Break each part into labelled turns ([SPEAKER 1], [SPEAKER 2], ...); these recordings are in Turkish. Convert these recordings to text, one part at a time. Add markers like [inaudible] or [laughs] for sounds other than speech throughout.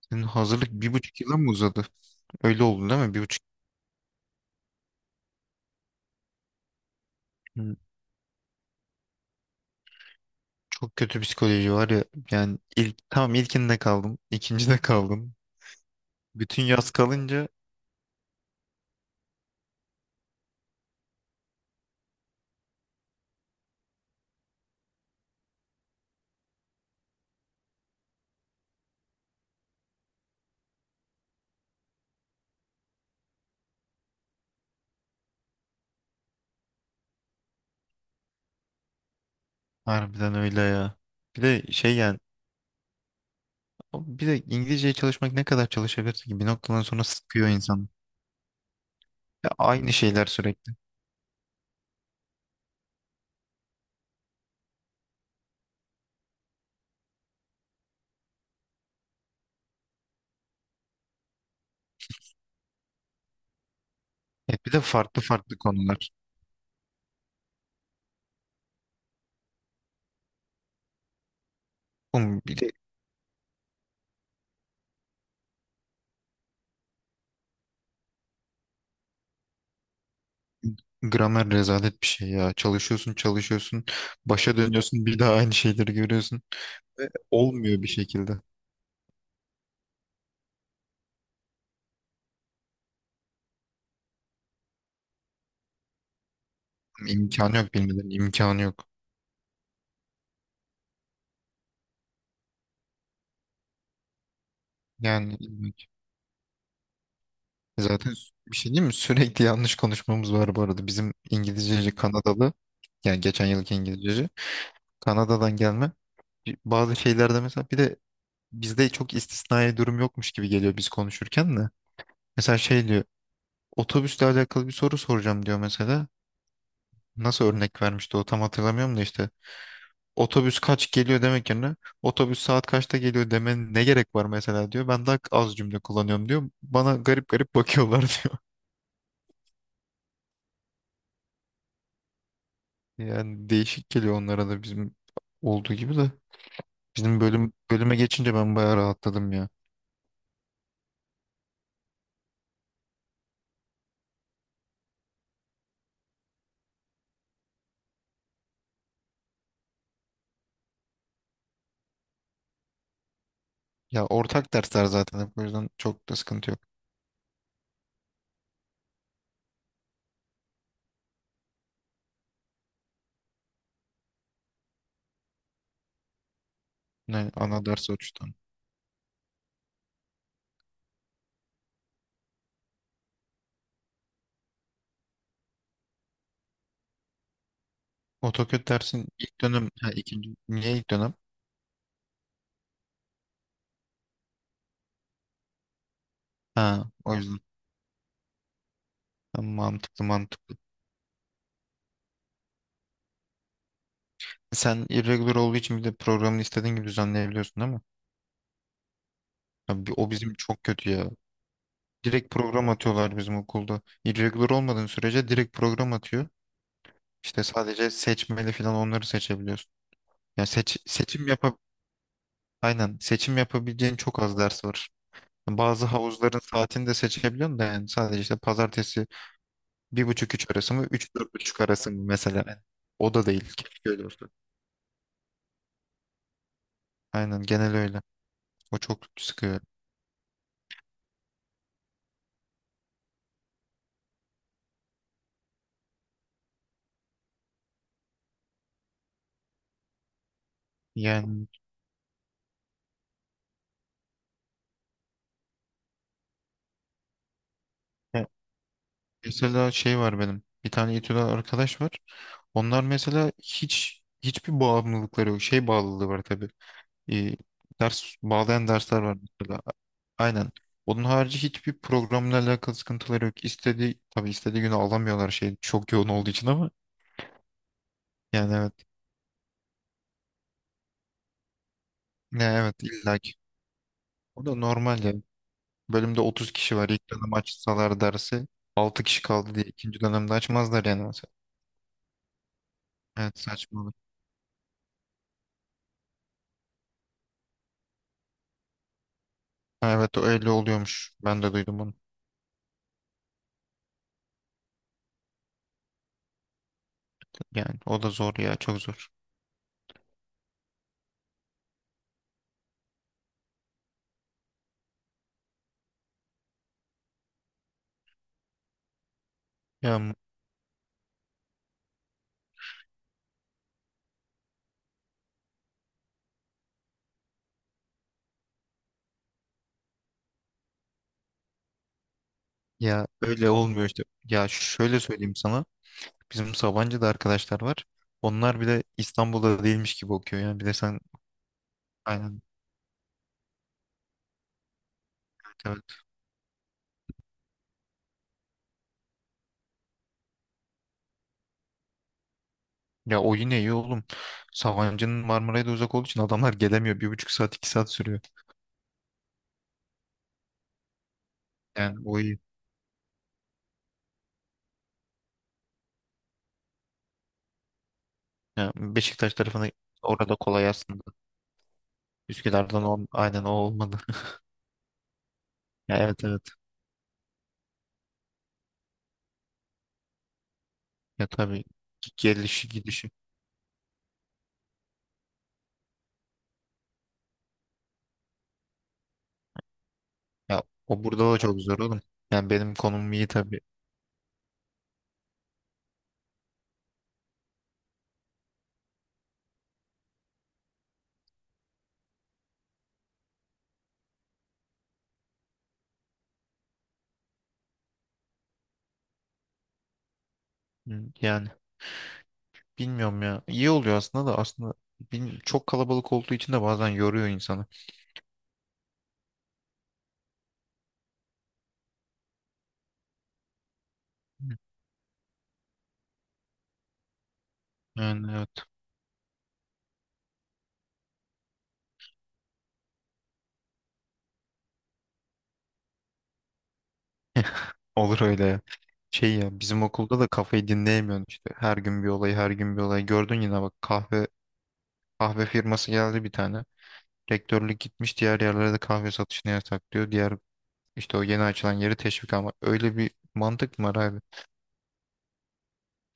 [SPEAKER 1] Senin hazırlık bir buçuk yıla mı uzadı? Öyle oldu değil mi? Bir buçuk. Hı, çok kötü psikoloji var ya. Yani ilk, tamam ilkinde kaldım. İkincide kaldım. Bütün yaz kalınca harbiden öyle ya. Bir de bir de İngilizceye çalışmak ne kadar çalışabilirsin ki bir noktadan sonra sıkıyor insan. Ya aynı şeyler sürekli. Evet, bir de farklı farklı konular. Oğlum bir de gramer rezalet bir şey ya. Çalışıyorsun çalışıyorsun. Başa dönüyorsun bir daha aynı şeyleri görüyorsun. Ve olmuyor bir şekilde. İmkanı yok bilmeden imkanı yok. Yani ilmek. Bir şey değil mi? Sürekli yanlış konuşmamız var bu arada. Bizim İngilizceci Kanadalı, yani geçen yılki İngilizceci, Kanada'dan gelme. Bazı şeylerde mesela, bir de bizde çok istisnai durum yokmuş gibi geliyor biz konuşurken de. Mesela şey diyor, otobüsle alakalı bir soru soracağım diyor mesela. Nasıl örnek vermişti o, tam hatırlamıyorum da işte. Otobüs kaç geliyor demek yerine otobüs saat kaçta geliyor demenin ne gerek var mesela diyor. Ben daha az cümle kullanıyorum diyor. Bana garip garip bakıyorlar [laughs] diyor. Yani değişik geliyor onlara da bizim olduğu gibi de. Bizim bölüm bölüme geçince ben bayağı rahatladım ya. Ya ortak dersler zaten hep, o yüzden çok da sıkıntı yok. Ne ana ders açıdan. AutoCAD dersin ilk dönem ha, ikinci, niye ilk dönem? Ha, o yüzden. Ha, mantıklı mantıklı. Sen irregular olduğu için bir de programını istediğin gibi düzenleyebiliyorsun değil mi? O bizim çok kötü ya. Direkt program atıyorlar bizim okulda. Irregular olmadığın sürece direkt program atıyor. İşte sadece seçmeli falan, onları seçebiliyorsun. Yani seç, seçim yapa aynen seçim yapabileceğin çok az ders var. Bazı havuzların saatini de seçebiliyorsun da, yani sadece işte pazartesi bir buçuk üç arası mı, üç dört buçuk arası mı mesela. Yani o da değil. Keşke öyle olsa. Aynen genel öyle. O çok sıkıyor. Yani e, Mesela şey var benim. Bir tane İTÜ'den arkadaş var. Onlar mesela hiçbir bağımlılıkları yok. Şey bağlılığı var tabii. Ee, Ders bağlayan dersler var mesela. Aynen. Onun harici hiçbir programla alakalı sıkıntıları yok. İstediği, tabii istediği günü alamıyorlar, şey çok yoğun olduğu için, ama yani evet. Ne, evet illaki. O da normal yani. Bölümde 30 kişi var. İlk dönem açsalar dersi 6 kişi kaldı diye ikinci dönemde açmazlar yani mesela. Evet, saçmalık. Ha, evet, öyle oluyormuş. Ben de duydum onu. Yani o da zor ya, çok zor. Ya. Ya öyle olmuyor işte. Ya şöyle söyleyeyim sana. Bizim Sabancı'da arkadaşlar var. Onlar bile İstanbul'da değilmiş gibi okuyor yani. Bir de sen. Aynen, evet. Ya o yine iyi oğlum. Sabancı'nın Marmaray'da uzak olduğu için adamlar gelemiyor. Bir buçuk saat, iki saat sürüyor. Yani o iyi. Ya Beşiktaş tarafına, orada kolay aslında. Üsküdar'dan on, aynen, o olmadı. [laughs] Ya evet, evet. Ya tabii, gelişi gidişi. Ya o burada da çok zor oğlum. Yani benim konumum iyi tabii. Hı, yani bilmiyorum ya. İyi oluyor aslında da, aslında çok kalabalık olduğu için de bazen yoruyor insanı. Yani evet. [laughs] Olur öyle ya. Şey ya, bizim okulda da kafayı dinleyemiyorsun işte. Her gün bir olay, her gün bir olay. Gördün yine, bak, kahve firması geldi bir tane. Rektörlük gitmiş, diğer yerlere de kahve satışını yasaklıyor. Diğer işte o yeni açılan yeri teşvik, ama öyle bir mantık mı var abi?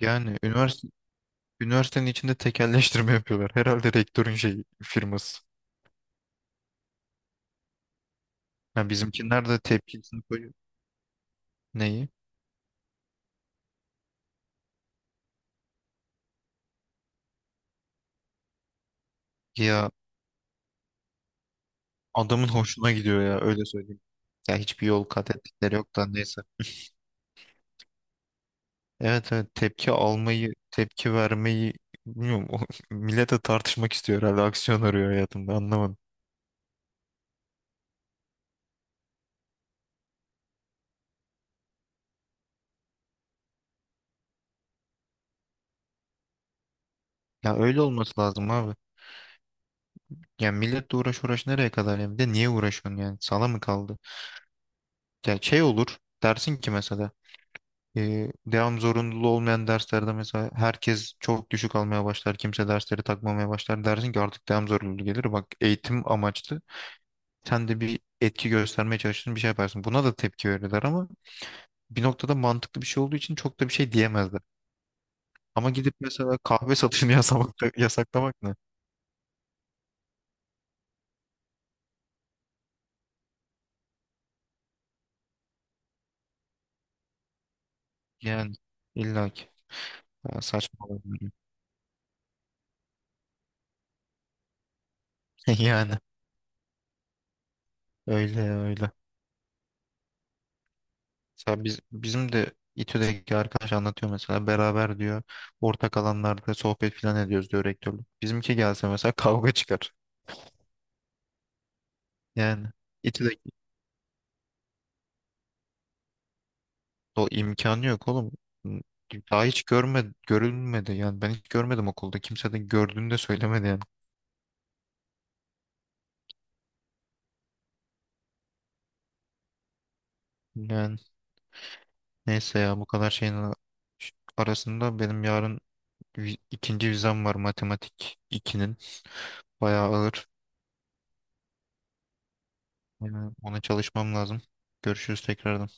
[SPEAKER 1] Yani üniversitenin içinde tekelleştirme yapıyorlar. Herhalde rektörün şey firması. Yani bizimkiler de tepkisini koyuyor. Neyi? Ya adamın hoşuna gidiyor ya, öyle söyleyeyim. Ya hiçbir yol kat ettikleri yok da, neyse. Evet, evet, tepki almayı, tepki vermeyi bilmiyorum. O, [laughs] millete tartışmak istiyor herhalde. Aksiyon arıyor hayatında, anlamadım. Ya öyle olması lazım abi. Ya milletle uğraş uğraş nereye kadar ya? Bir de niye uğraşıyorsun yani? Sala mı kaldı? Ya şey olur, dersin ki mesela devam zorunluluğu olmayan derslerde mesela herkes çok düşük almaya başlar. Kimse dersleri takmamaya başlar. Dersin ki artık devam zorunluluğu gelir. Bak, eğitim amaçlı sen de bir etki göstermeye çalışırsın, bir şey yaparsın. Buna da tepki verirler, ama bir noktada mantıklı bir şey olduğu için çok da bir şey diyemezler. Ama gidip mesela kahve satışını [laughs] yasamak, yasaklamak ne? Yani illaki. Ya saçma oluyor. [laughs] Yani öyle öyle. Mesela biz, bizim de İTÜ'deki arkadaş anlatıyor mesela, beraber diyor ortak alanlarda sohbet falan ediyoruz diyor rektörlük. Bizimki gelse mesela [laughs] kavga çıkar. Yani İTÜ'deki, o imkanı yok oğlum. Daha hiç görme Görülmedi yani, ben hiç görmedim okulda, kimse de gördüğünü de söylemedi yani. Yani neyse ya, bu kadar arasında benim yarın ikinci vizem var, matematik ikinin, bayağı ağır. Yani ona çalışmam lazım. Görüşürüz tekrardan.